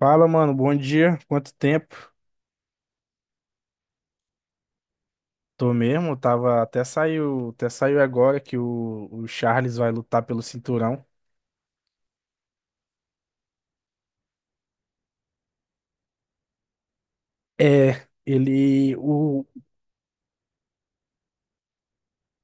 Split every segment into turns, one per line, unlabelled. Fala, mano, bom dia. Quanto tempo? Tô mesmo, tava até saiu agora que o Charles vai lutar pelo cinturão. É, ele o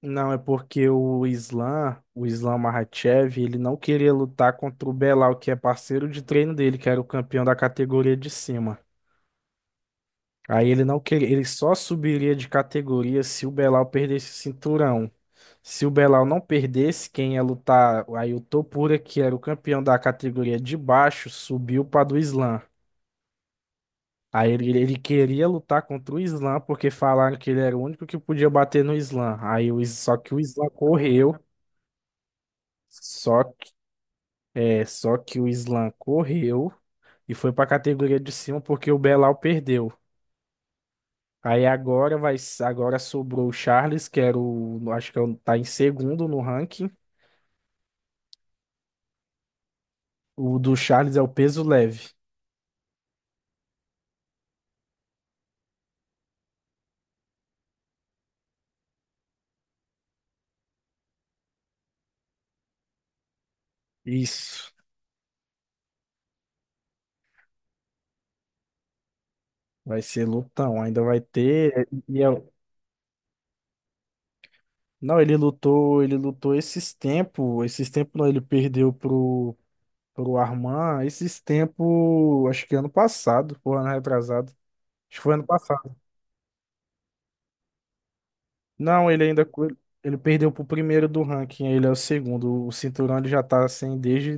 Não é porque o Islam Makhachev, ele não queria lutar contra o Belal, que é parceiro de treino dele, que era o campeão da categoria de cima. Aí ele não queria, ele só subiria de categoria se o Belal perdesse o cinturão. Se o Belal não perdesse, quem ia lutar, aí o Topura, que era o campeão da categoria de baixo, subiu para do Islã. Aí ele queria lutar contra o Islã porque falaram que ele era o único que podia bater no Islã. Só que o Islã correu, só que, é, só que o Islã correu e foi para a categoria de cima porque o Belal perdeu. Aí agora vai, agora sobrou o Charles, que era o, acho que tá em segundo no ranking. O do Charles é o peso leve. Isso. Vai ser lutão, ainda vai ter. Não, ele lutou esses tempos não, ele perdeu pro pro Arman, esses tempos, acho que ano passado, ou ano retrasado. Acho que foi ano passado. Não, ele ainda co- Ele perdeu pro primeiro do ranking, ele é o segundo. O cinturão ele já tá sem desde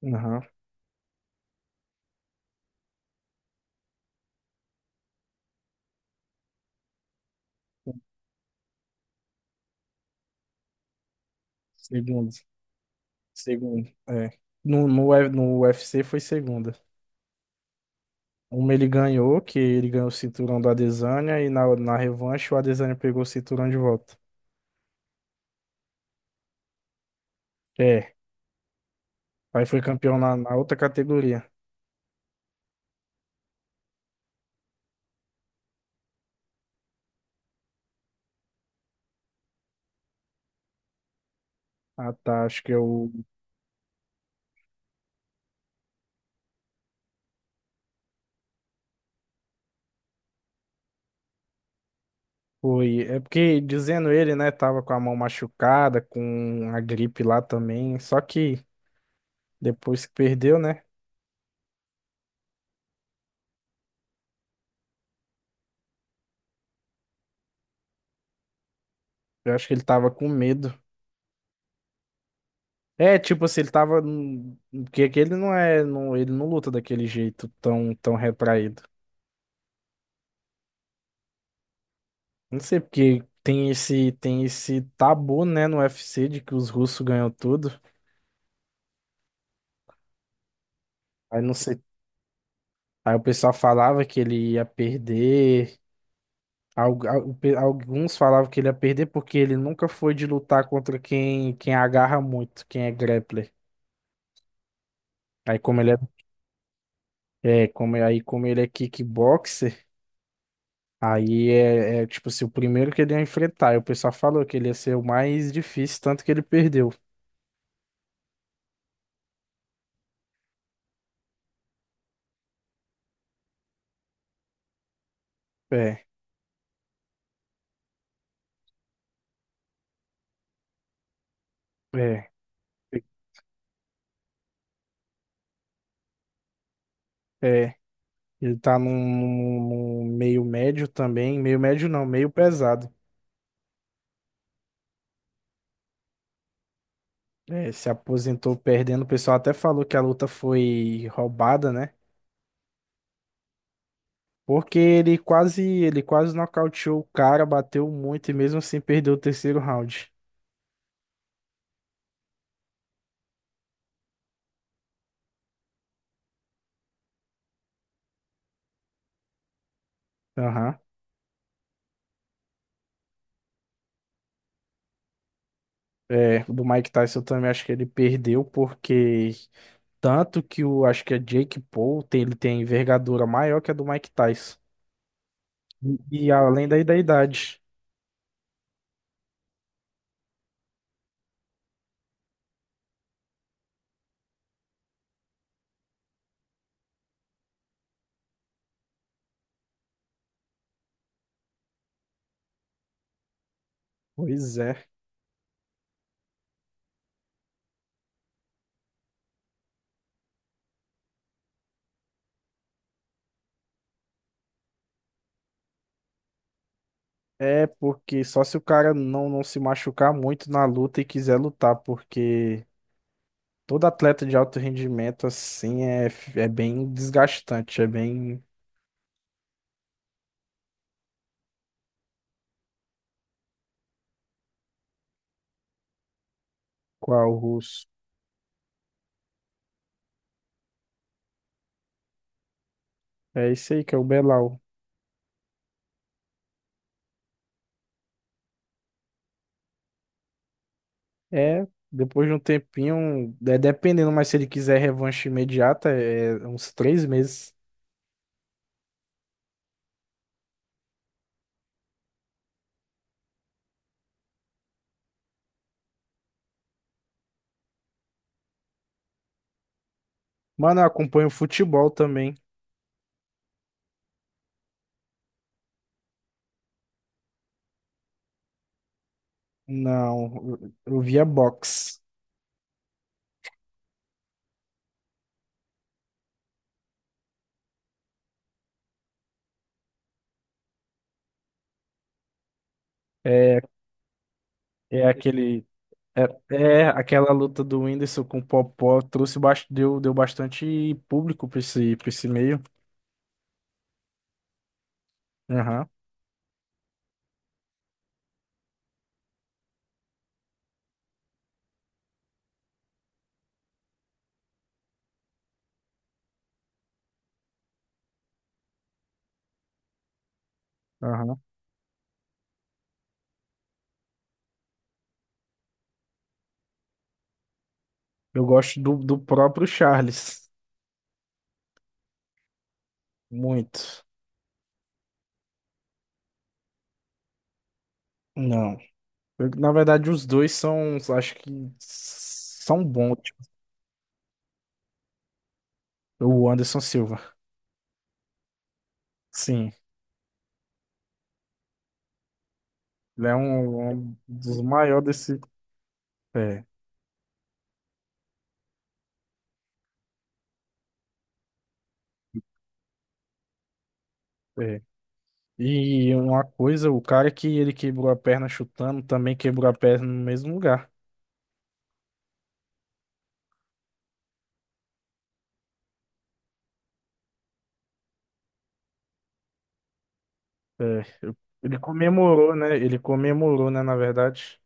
2023. Segundo, segundo, é. No UFC foi segunda. Uma ele ganhou, que ele ganhou o cinturão do Adesanya, e na revanche o Adesanya pegou o cinturão de volta. É, aí foi campeão na outra categoria. Ah, tá, acho que eu fui. É porque, dizendo ele, né, tava com a mão machucada, com a gripe lá também, só que depois que perdeu, né, eu acho que ele tava com medo. É, tipo assim, Porque aquele não é. Não, ele não luta daquele jeito tão, tão retraído. Não sei porque tem esse tabu, né, no UFC de que os russos ganham tudo. Aí não sei, aí o pessoal falava que ele ia perder. Alguns falavam que ele ia perder porque ele nunca foi de lutar contra quem agarra muito, quem é grappler. Aí como ele é, como ele é kickboxer, aí é tipo assim, o primeiro que ele ia enfrentar. Aí o pessoal falou que ele ia ser o mais difícil, tanto que ele perdeu. É, é. É, ele tá meio médio também. Meio médio não, meio pesado. É, se aposentou perdendo. O pessoal até falou que a luta foi roubada, né? Porque ele quase nocauteou o cara, bateu muito e mesmo assim perdeu o terceiro round. Aham. É, o do Mike Tyson eu também acho que ele perdeu porque tanto que o, acho que é Jake Paul, tem, ele tem a envergadura maior que a do Mike Tyson. E além daí da idade. Pois é. É porque só se o cara não, não se machucar muito na luta e quiser lutar, porque todo atleta de alto rendimento, assim, é, é bem desgastante, é bem qual russo. É isso aí que é o Belal. É, depois de um tempinho, é, dependendo, mas se ele quiser revanche imediata, é uns 3 meses. Mano, eu acompanho futebol também. Não, eu via boxe. É, é aquele. É, é, aquela luta do Whindersson com o Popó trouxe, deu, deu bastante público pra esse meio. Aham, aham. Eu gosto do, do próprio Charles. Muito. Não. Na verdade, os dois são, acho que são bons. Tipo, o Anderson Silva. Sim. Ele é um, um dos maiores desse. É, é. E uma coisa, o cara que ele quebrou a perna chutando também quebrou a perna no mesmo lugar. É, ele comemorou, né? Ele comemorou, né? Na verdade,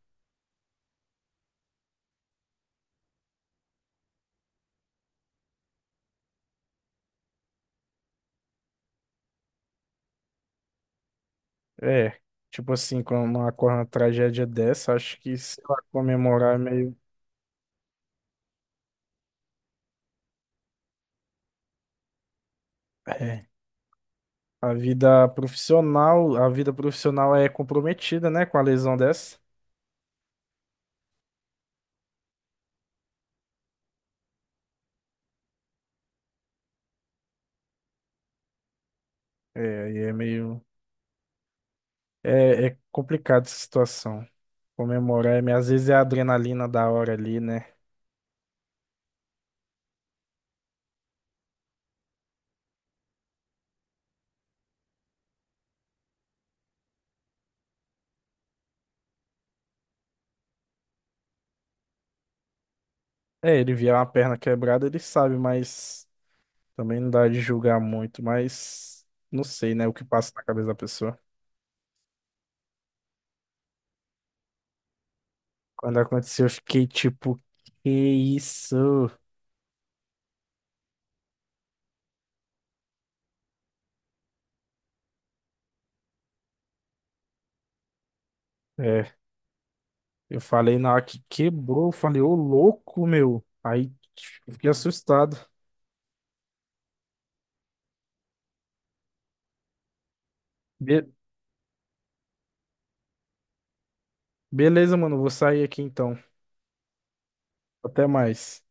é. Tipo assim, quando ocorre uma tragédia dessa, acho que, sei lá, comemorar é meio. É. A vida profissional é comprometida, né? Com a lesão dessa. É, aí é meio. É, é complicado essa situação. Comemorar, é meio- às vezes é a adrenalina da hora ali, né? É, ele vier uma perna quebrada, ele sabe, mas também não dá de julgar muito, mas não sei, né? O que passa na cabeça da pessoa. Quando aconteceu, eu fiquei tipo, que isso? É, eu falei na hora que quebrou, eu falei, ô louco, meu. Aí eu fiquei assustado. Be- Beleza, mano, vou sair aqui então. Até mais.